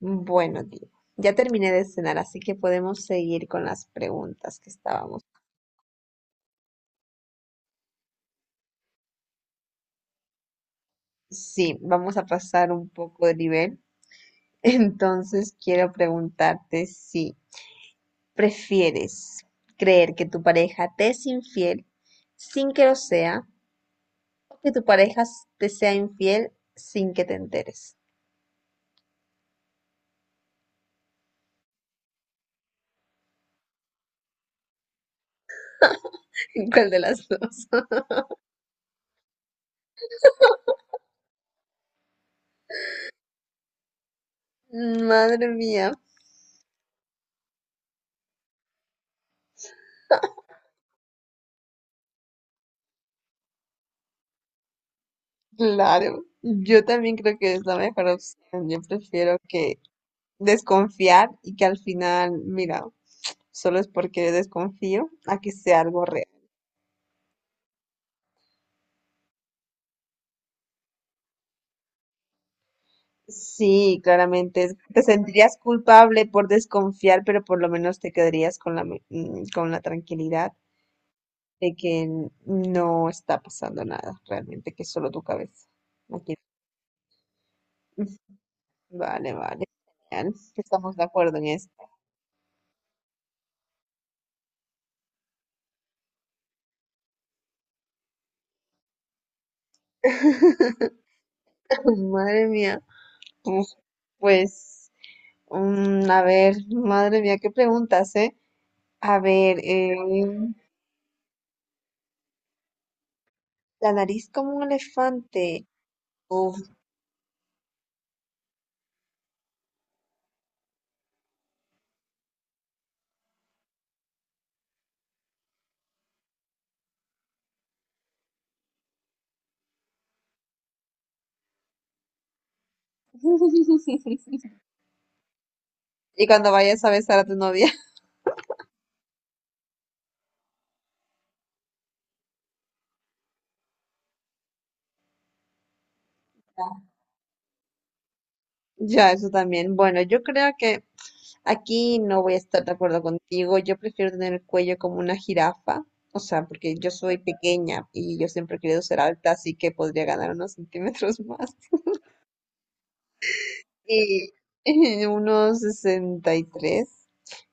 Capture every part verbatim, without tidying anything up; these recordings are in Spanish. Bueno, Diego, ya terminé de cenar, así que podemos seguir con las preguntas que estábamos. Sí, vamos a pasar un poco de nivel. Entonces, quiero preguntarte si prefieres creer que tu pareja te es infiel sin que lo sea o que tu pareja te sea infiel sin que te enteres. ¿Cuál de las dos? Madre mía, claro. Yo también creo que es la mejor opción. Yo prefiero que desconfiar y que al final, mira, solo es porque desconfío a que sea algo real. Sí, claramente. es- Te sentirías culpable por desconfiar, pero por lo menos te quedarías con la, me- mm, con la tranquilidad de que n- no está pasando nada realmente, que es solo tu cabeza. No quiero- Ujú. Vale, vale. Genial. Estamos de acuerdo en esto. Madre mía. Uf, Pues, mm, a ver, madre mía, qué preguntas, ¿eh? A ver, eh, la nariz como un elefante. Uf. Y cuando vayas a besar a tu novia. Ya, eso también. Bueno, yo creo que aquí no voy a estar de acuerdo contigo. Yo prefiero tener el cuello como una jirafa. O sea, porque yo soy pequeña y yo siempre he querido ser alta, así que podría ganar unos centímetros más. Y unos sesenta y tres.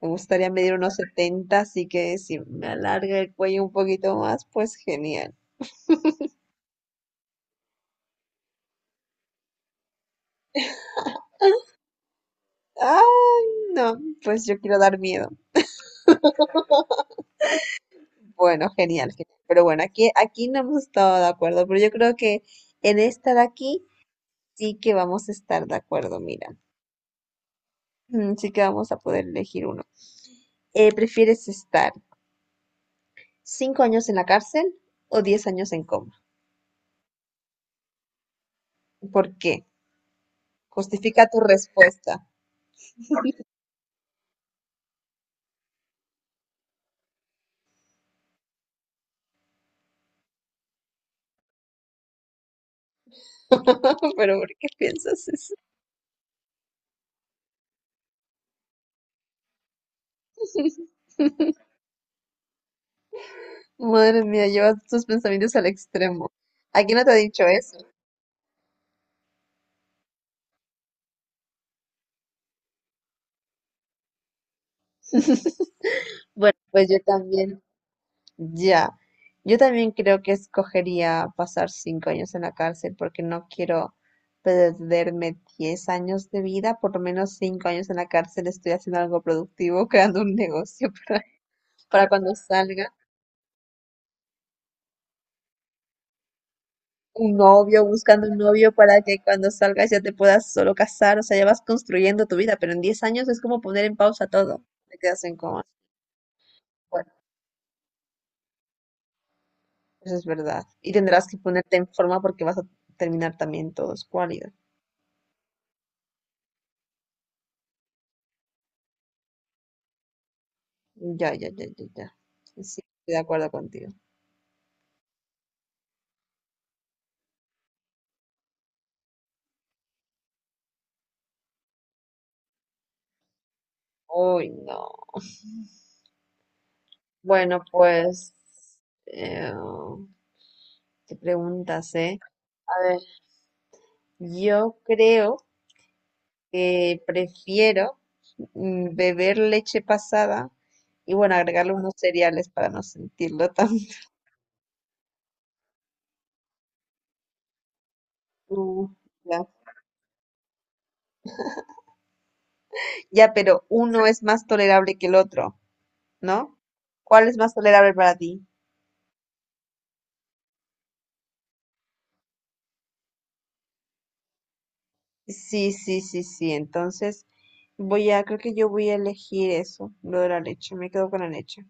Me gustaría medir unos setenta, así que si me alarga el cuello un poquito más, pues genial. Ah, no, pues yo quiero dar miedo. Bueno, genial, genial. Pero bueno, aquí, aquí no hemos estado de acuerdo, pero yo creo que en esta de aquí sí que vamos a estar de acuerdo, mira. Mm, Sí que vamos a poder elegir uno. Eh, ¿prefieres estar cinco años en la cárcel o diez años en coma? ¿Por qué? Justifica tu respuesta. Pero ¿por qué piensas eso? Madre mía, llevas tus pensamientos al extremo. ¿A quién no te ha dicho eso? Pues yo también. Ya, yo también creo que escogería pasar cinco años en la cárcel porque no quiero perderme diez años de vida, por lo menos cinco años en la cárcel estoy haciendo algo productivo, creando un negocio para, para cuando salga, un novio, buscando un novio para que cuando salgas ya te puedas solo casar, o sea, ya vas construyendo tu vida, pero en diez años es como poner en pausa todo, te quedas en coma. Bueno, eso es verdad. Y tendrás que ponerte en forma porque vas a terminar también todo escuálido. Ya, ya, ya, ya, ya. Sí, estoy de acuerdo contigo. Uy, no. Bueno, pues eh, qué preguntas, ¿eh? A ver, yo creo que prefiero mm, beber leche pasada y bueno, agregarle unos cereales para no sentirlo tan. Mm, Ya, Ya, pero uno es más tolerable que el otro, ¿no? ¿Cuál es más tolerable para ti? Sí, sí, sí, sí. Entonces, voy a, creo que yo voy a elegir eso, lo de la leche. Me quedo con la leche.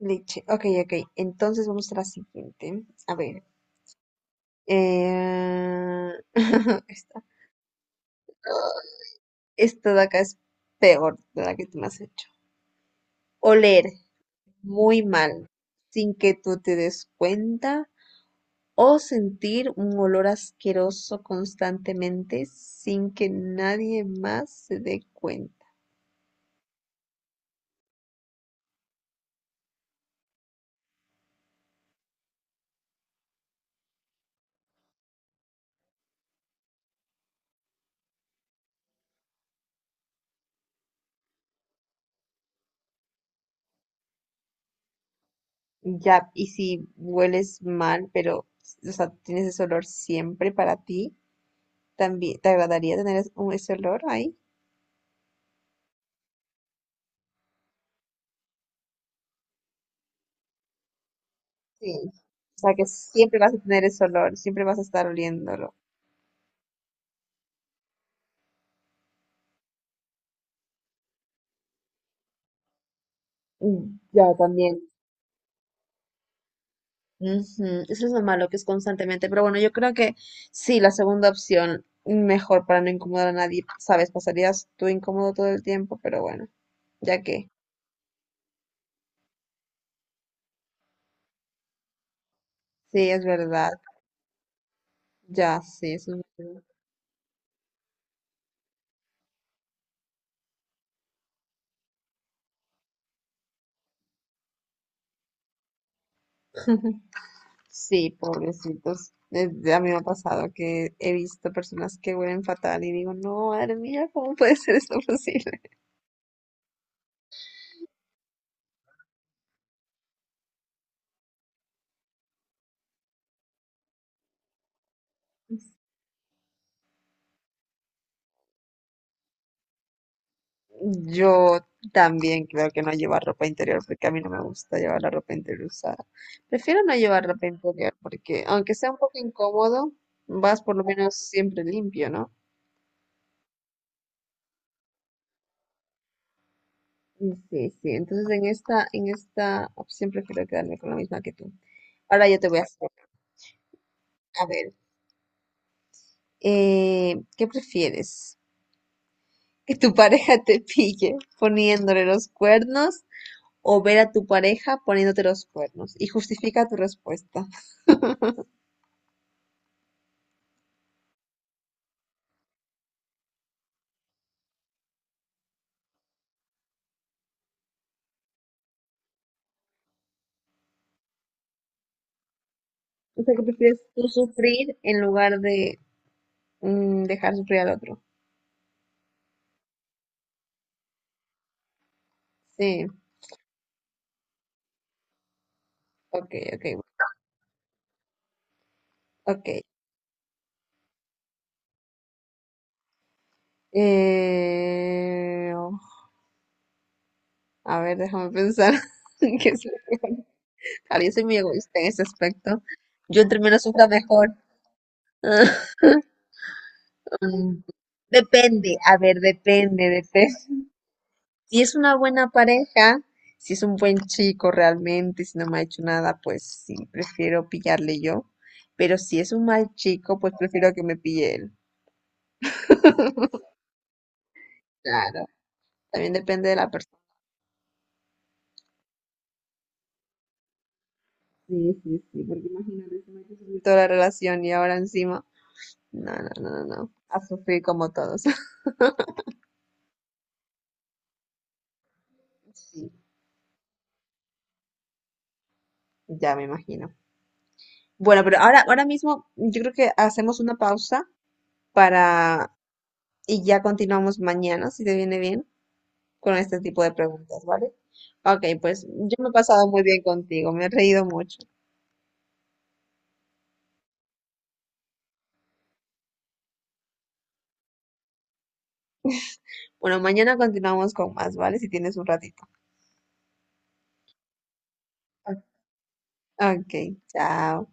Leche. Ok, ok. Entonces vamos a la siguiente. A ver. Eh... Esta, esta de acá es peor de la que tú me has hecho. Oler muy mal, sin que tú te des cuenta. O sentir un olor asqueroso constantemente sin que nadie más se dé cuenta. Ya, y si hueles mal, pero, o sea, tienes ese olor siempre para ti, también te agradaría tener es- un- ese olor ahí. Sí. O sea, que siempre vas a tener ese olor, siempre vas a estar oliéndolo. Mm, Ya, también. Ujú, eso es lo malo, que es constantemente. Pero bueno, yo creo que sí, la segunda opción, mejor para no incomodar a nadie, sabes, pasarías tú incómodo todo el tiempo, pero bueno, ya que, sí, es verdad. Ya, sí, eso es verdad. Sí, pobrecitos. Desde- a mí me ha pasado que he visto personas que huelen fatal y digo, no, madre mía, ¿cómo puede ser esto posible? Yo también creo que no llevar ropa interior porque a mí no me gusta llevar la ropa interior usada. Prefiero no llevar ropa interior porque aunque sea un poco incómodo, vas por lo menos siempre limpio, ¿no? Mm, Sí, sí. Entonces en esta, en esta opción prefiero quedarme con la misma que tú. Ahora yo te voy a hacer, a ver, eh, ¿qué prefieres? Que tu pareja te pille poniéndole los cuernos o ver a tu pareja poniéndote los cuernos y justifica tu respuesta. O sea, que prefieres tú sufrir en lugar de mm, dejar sufrir al otro. Sí, ok, ok, ok. Eh, oh, a ver, déjame pensar. ¿Qué es lo peor? Claro, yo soy muy egoísta en ese aspecto. Yo entre menos sufra mejor. Mm, Depende, a ver, depende, depende. Si es una buena pareja, si es un buen chico realmente, si no me ha hecho nada, pues sí, prefiero pillarle yo. Pero si es un mal chico, pues prefiero que me pille él. Claro, también depende de la persona. Sí, sí, sí, porque imagínate si me ha sufrir toda la relación y ahora encima. No, no, no, no, no. A sufrir como todos. Sí, ya me imagino. Bueno, pero ahora, ahora mismo yo creo que hacemos una pausa para y ya continuamos mañana, si te viene bien. Con este tipo de preguntas, ¿vale? Ok, pues yo me he pasado muy bien contigo, me he reído mucho. Bueno, mañana continuamos con más, ¿vale? Si tienes un ratito. Ok, chao.